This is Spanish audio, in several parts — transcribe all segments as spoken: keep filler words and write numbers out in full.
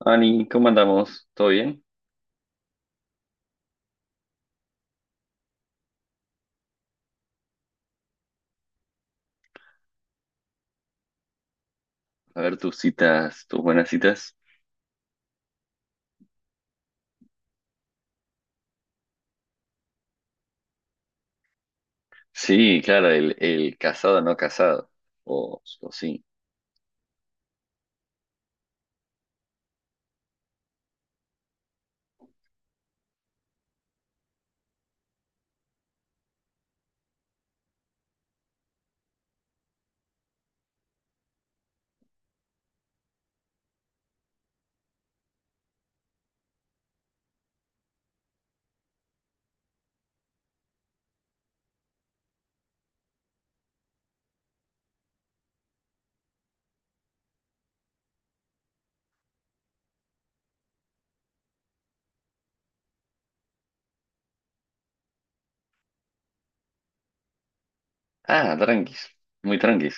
Ani, ¿cómo andamos? ¿Todo bien? A ver tus citas, tus buenas citas. Sí, claro, el, el casado no casado. O, o sí. Ah, tranquis, muy tranquis.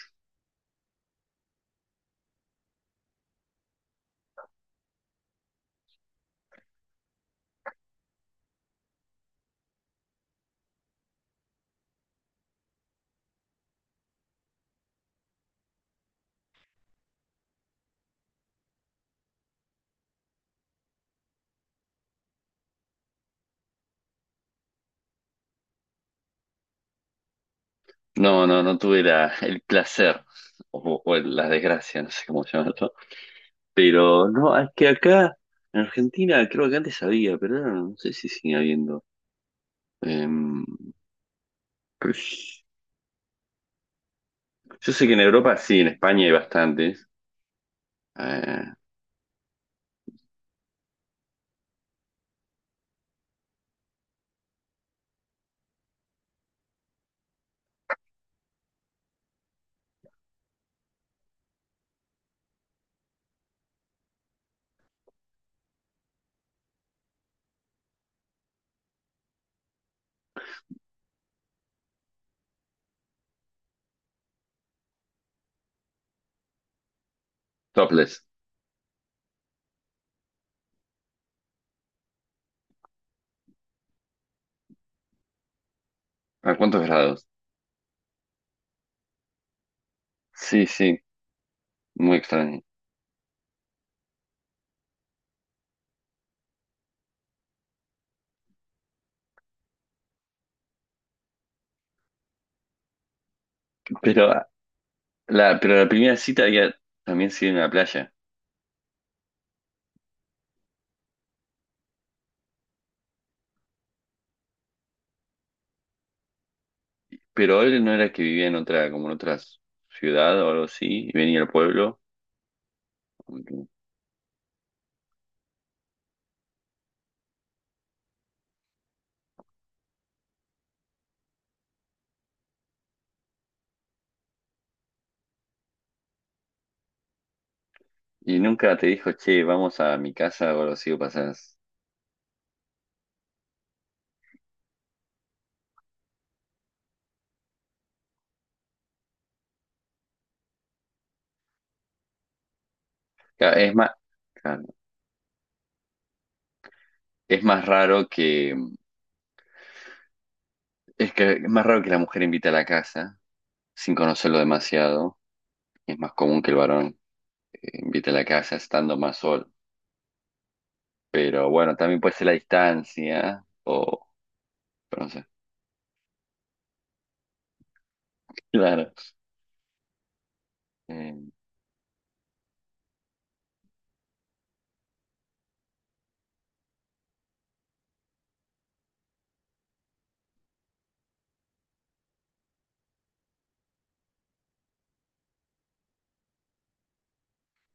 No, no, no tuve la- el placer o, o el- la desgracia, no sé cómo llamarlo. Pero no, es que acá en Argentina creo que antes había, pero ahora no sé si sigue habiendo. Em, pues, yo sé que en Europa sí, en España hay bastantes. Eh, topless. ¿A cuántos grados? Sí, sí, muy extraño. Pero la, pero la primera cita había también sido en la playa. Pero él no era que vivía en otra, como en otra ciudad o algo así, y venía al pueblo. Y nunca te dijo, che, vamos a mi casa o algo así, o pasás. Claro, es más, claro, es más raro que, es que es más raro que la mujer invite a la casa sin conocerlo demasiado. Es más común que el varón eh, invite a la casa estando más solo. Pero bueno, también puede ser la distancia, o, pero no sé. Claro. Eh,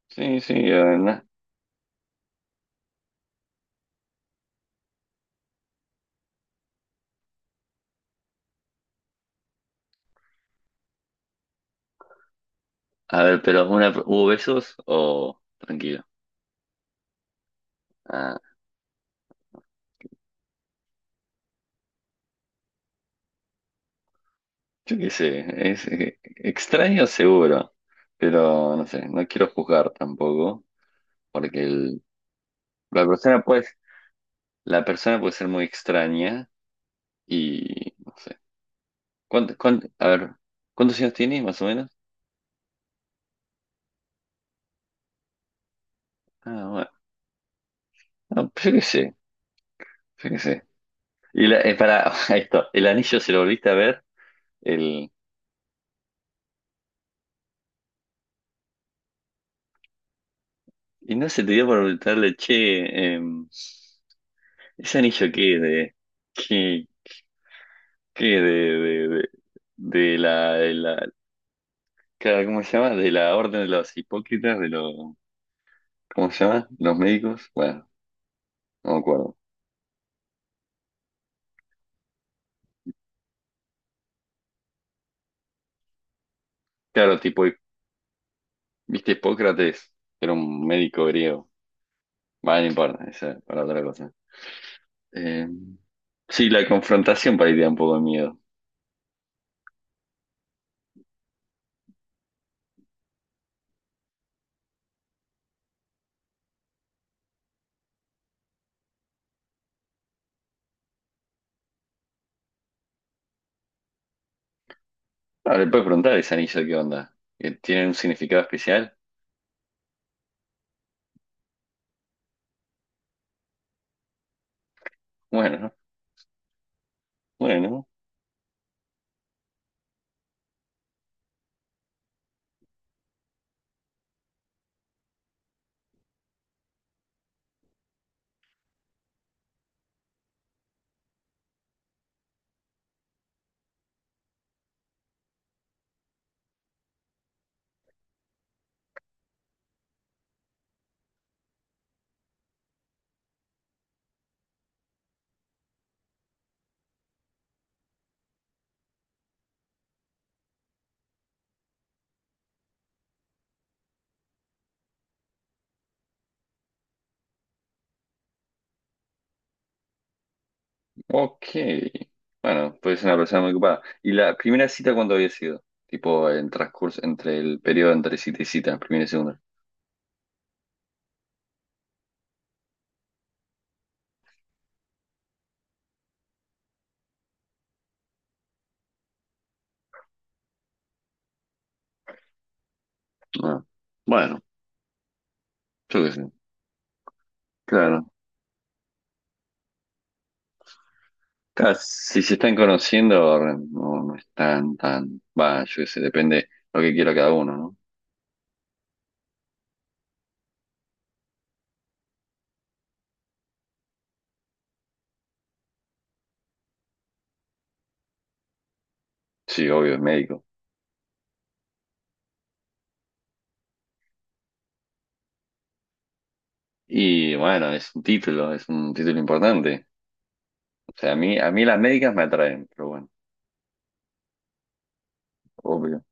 sí, sí, eh, no. A ver, pero una, ¿hubo besos o tranquilo? Ah, yo qué sé, es eh, extraño seguro, pero no sé, no quiero juzgar tampoco, porque el- la persona puede, la persona puede ser muy extraña y no sé. ¿Cuánto, cuánto- a ver, ¿cuántos años tiene más o menos? Ah, bueno, no, pues yo qué sé, yo qué sé. Y la, eh, para esto, el anillo se lo volviste a ver, el, y no se te dio por preguntarle, che, em, ¿ese anillo qué es de... que de, de, de, de la, de la, claro, ¿cómo se llama? De la orden de los hipócritas, de los, ¿cómo se llama? Los médicos, bueno, no me acuerdo. Claro, tipo, viste, Hipócrates, era un médico griego. Vale, no importa, esa es para otra cosa. Eh, sí, la confrontación para ir un poco de miedo. Ah, le puedes preguntar a ese anillo qué onda. ¿Que ¿Tiene un significado especial? Bueno, ¿no? Bueno. Ok. Bueno, pues es una persona muy ocupada. ¿Y la primera cita cuándo había sido? Tipo, en transcurso, entre el periodo entre cita y cita, primera y segunda. Ah, bueno, yo qué sé. Claro. Claro, si se están conociendo, no, no están tan. Va, yo qué sé, depende lo que quiera cada uno, ¿no? Sí, obvio, es médico. Y bueno, es un título, es un título importante. O sea, a mí, a mí las médicas me atraen, pero bueno, obvio.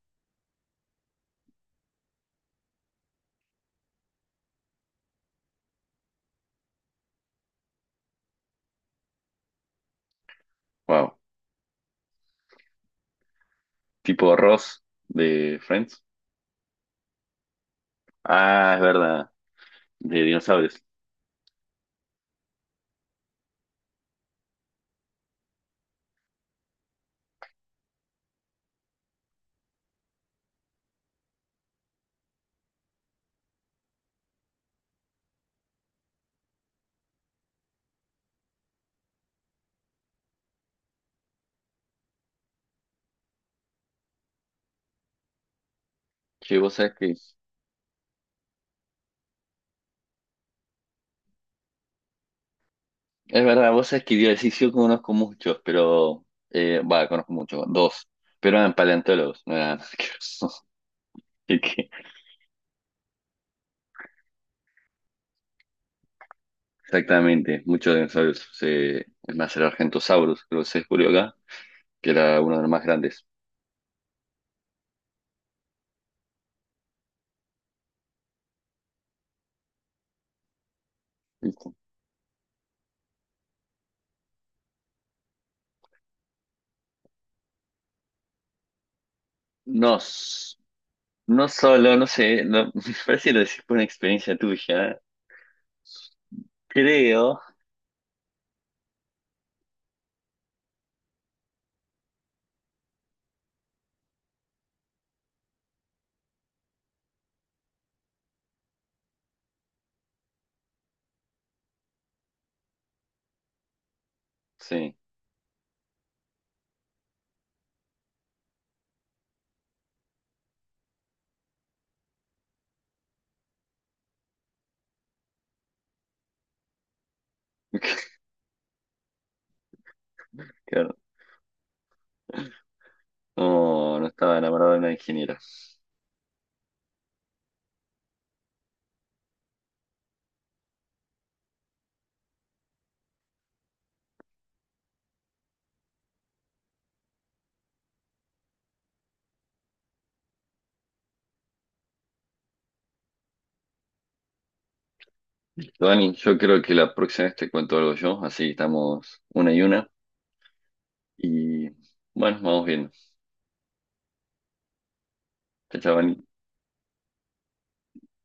Wow. Tipo Ross de Friends. Ah, es verdad. De dinosaurios. Sí, vos sabés que, es verdad, vos sabés que yo sí, sí, yo conozco muchos, pero, eh, va, conozco muchos, dos, pero eran paleontólogos, no eran arqueólogos. Así que, exactamente, muchos dinosaurios, se- es más, el Argentosaurus, creo que se descubrió acá, que era uno de los más grandes. No, s- no solo, no sé, no- me parece que lo decís por una experiencia tuya, creo, sí, claro, no, no estaba enamorado de una ingeniera. Dani, yo creo que la próxima vez te cuento algo yo, así estamos una y una. Y bueno, vamos viendo. Chao, chao, Dani.